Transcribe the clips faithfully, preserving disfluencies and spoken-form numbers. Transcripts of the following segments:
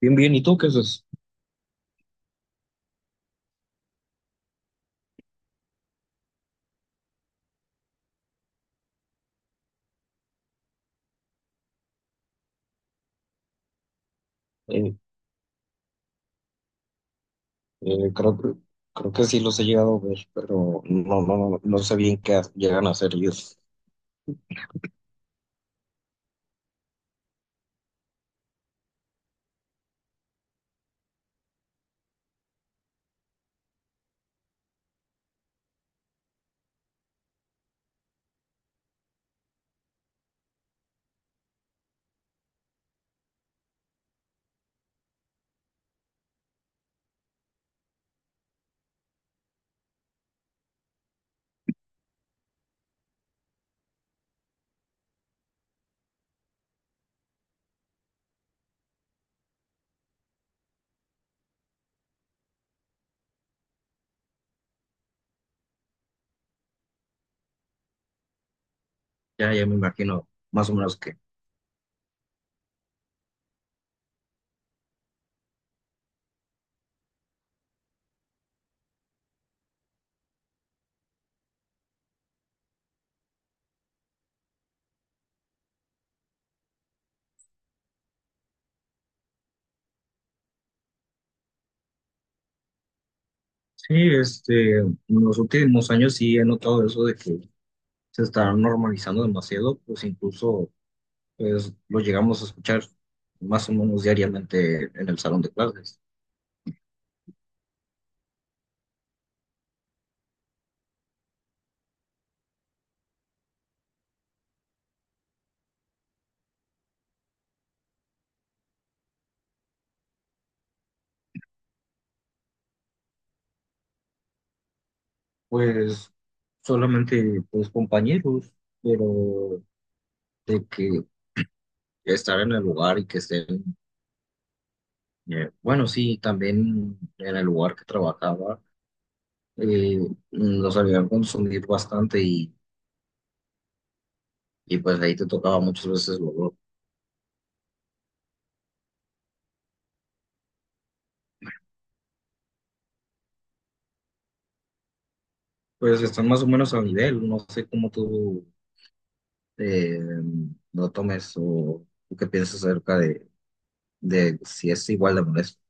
Bien, bien, ¿y tú qué haces? Eh, eh, creo, que- creo que sí los he llegado a ver, pero no, no, no sé bien qué llegan a hacer ellos. Ya, ya me imagino, más o menos que. Sí, este, en los últimos años sí he notado eso de que se está normalizando demasiado, pues incluso pues, lo llegamos a escuchar más o menos diariamente en el salón de clases. Pues solamente pues compañeros, pero de que estar en el lugar y que estén Eh, bueno, sí, también en el lugar que trabajaba eh, los habían consumido bastante y, y pues ahí te tocaba muchas veces luego. Pues están más o menos al nivel, no sé cómo tú eh, lo tomes o tú qué piensas acerca de, de si es igual de molesto.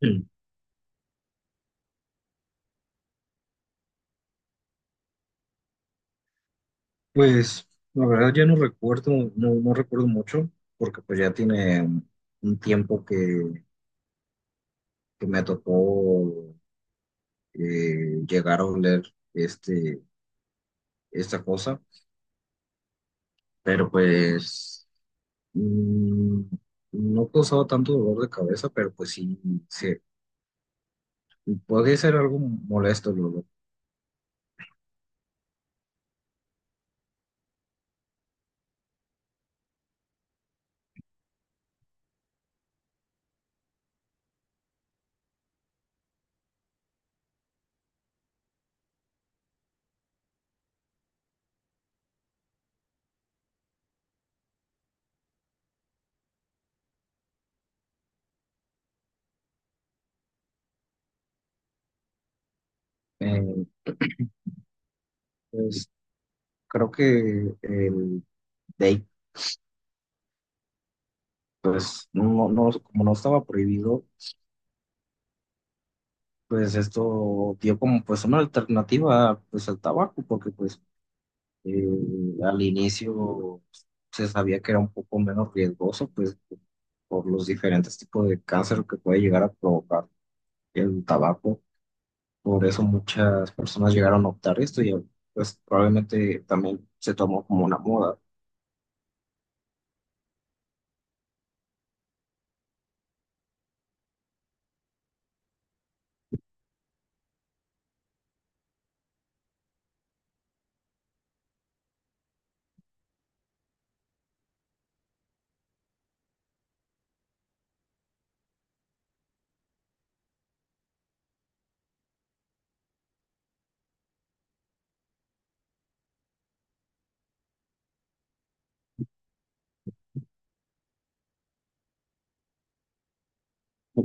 Pues la verdad ya no recuerdo, no, no recuerdo mucho, porque pues ya tiene un tiempo que, que me tocó eh, llegar a oler este esta cosa, pero pues mm, no causaba tanto dolor de cabeza, pero pues sí, sí, podría ser algo molesto, el. Eh, pues creo que el date, pues no, no, como no estaba prohibido, pues esto dio como pues una alternativa pues al tabaco, porque pues eh, al inicio se sabía que era un poco menos riesgoso, pues por los diferentes tipos de cáncer que puede llegar a provocar el tabaco. Por eso muchas personas llegaron a optar esto y pues probablemente también se tomó como una moda.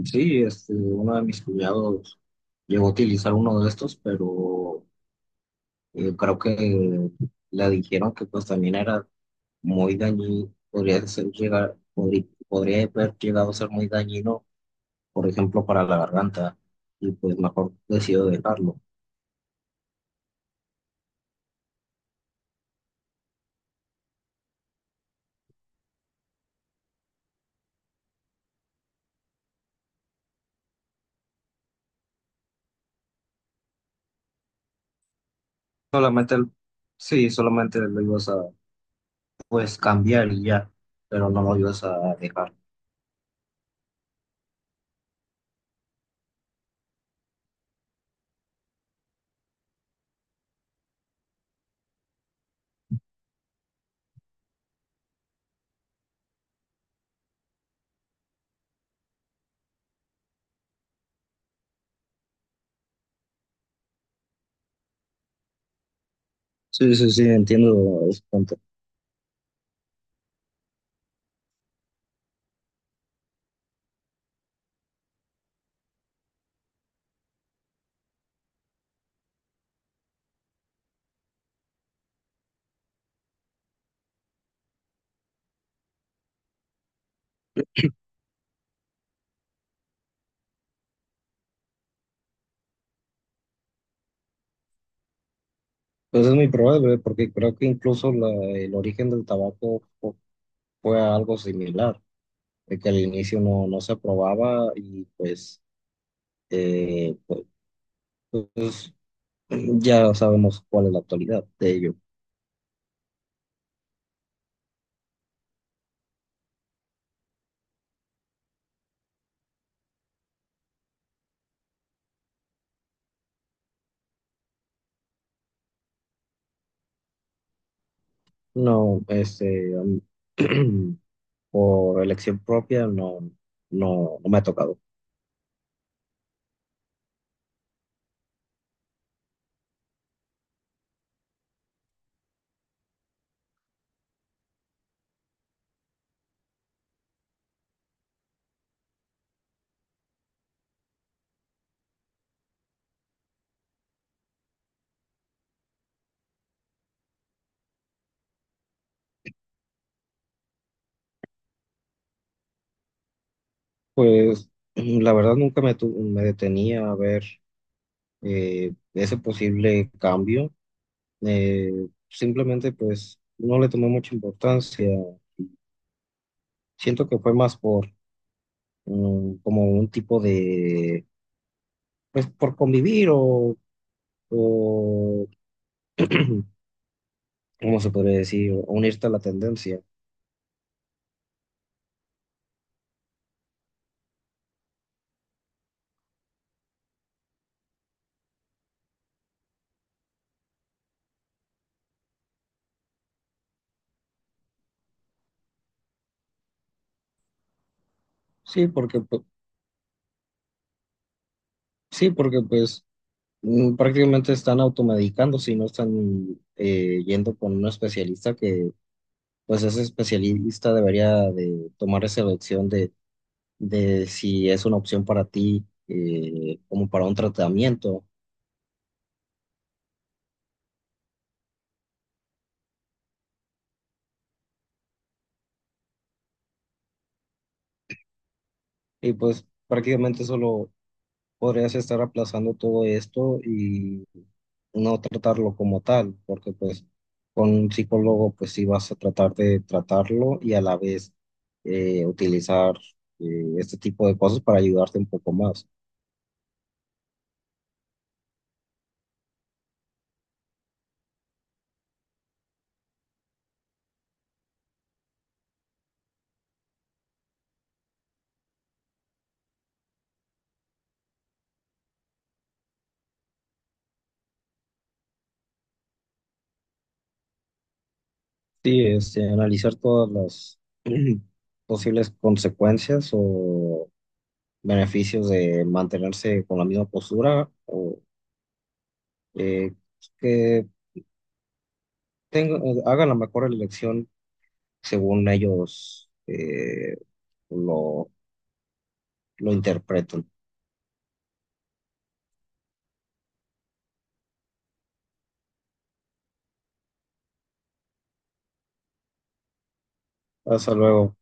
Sí, este, uno de mis cuñados llegó a utilizar uno de estos, pero eh, creo que le dijeron que pues también era muy dañino, podría ser llegar, podri- podría haber llegado a ser muy dañino, por ejemplo, para la garganta, y pues mejor decidió dejarlo. Solamente, el- sí, solamente lo ibas a pues cambiar y ya, pero no lo ibas a dejar. Sí, sí, sí, entiendo ese punto. Pues es muy probable, ¿eh? Porque creo que incluso la- el origen del tabaco fu- fue algo similar, de que al inicio no, no se aprobaba y pues, eh, pues, pues, ya sabemos cuál es la actualidad de ello. No, este, a mí- por elección propia no, no, no me ha tocado. Pues la verdad nunca me, tu- me detenía a ver eh, ese posible cambio. Eh, simplemente pues no le tomé mucha importancia. Siento que fue más por mm, como un tipo de, pues por convivir o, o ¿cómo se podría decir? O unirte a la tendencia. Sí, porque, pu- sí, porque pues mm, prácticamente están automedicándose y no están eh, yendo con un especialista que pues ese especialista debería de tomar esa elección de si es una opción para ti eh, como para un tratamiento. Y pues prácticamente solo podrías estar aplazando todo esto y no tratarlo como tal, porque pues con un psicólogo pues sí vas a tratar de tratarlo y a la vez eh, utilizar eh, este tipo de cosas para ayudarte un poco más. Sí, este, analizar todas las posibles consecuencias o beneficios de mantenerse con la misma postura eh, que tengan, eh, hagan la mejor elección según ellos eh, lo, lo interpreten. Hasta luego.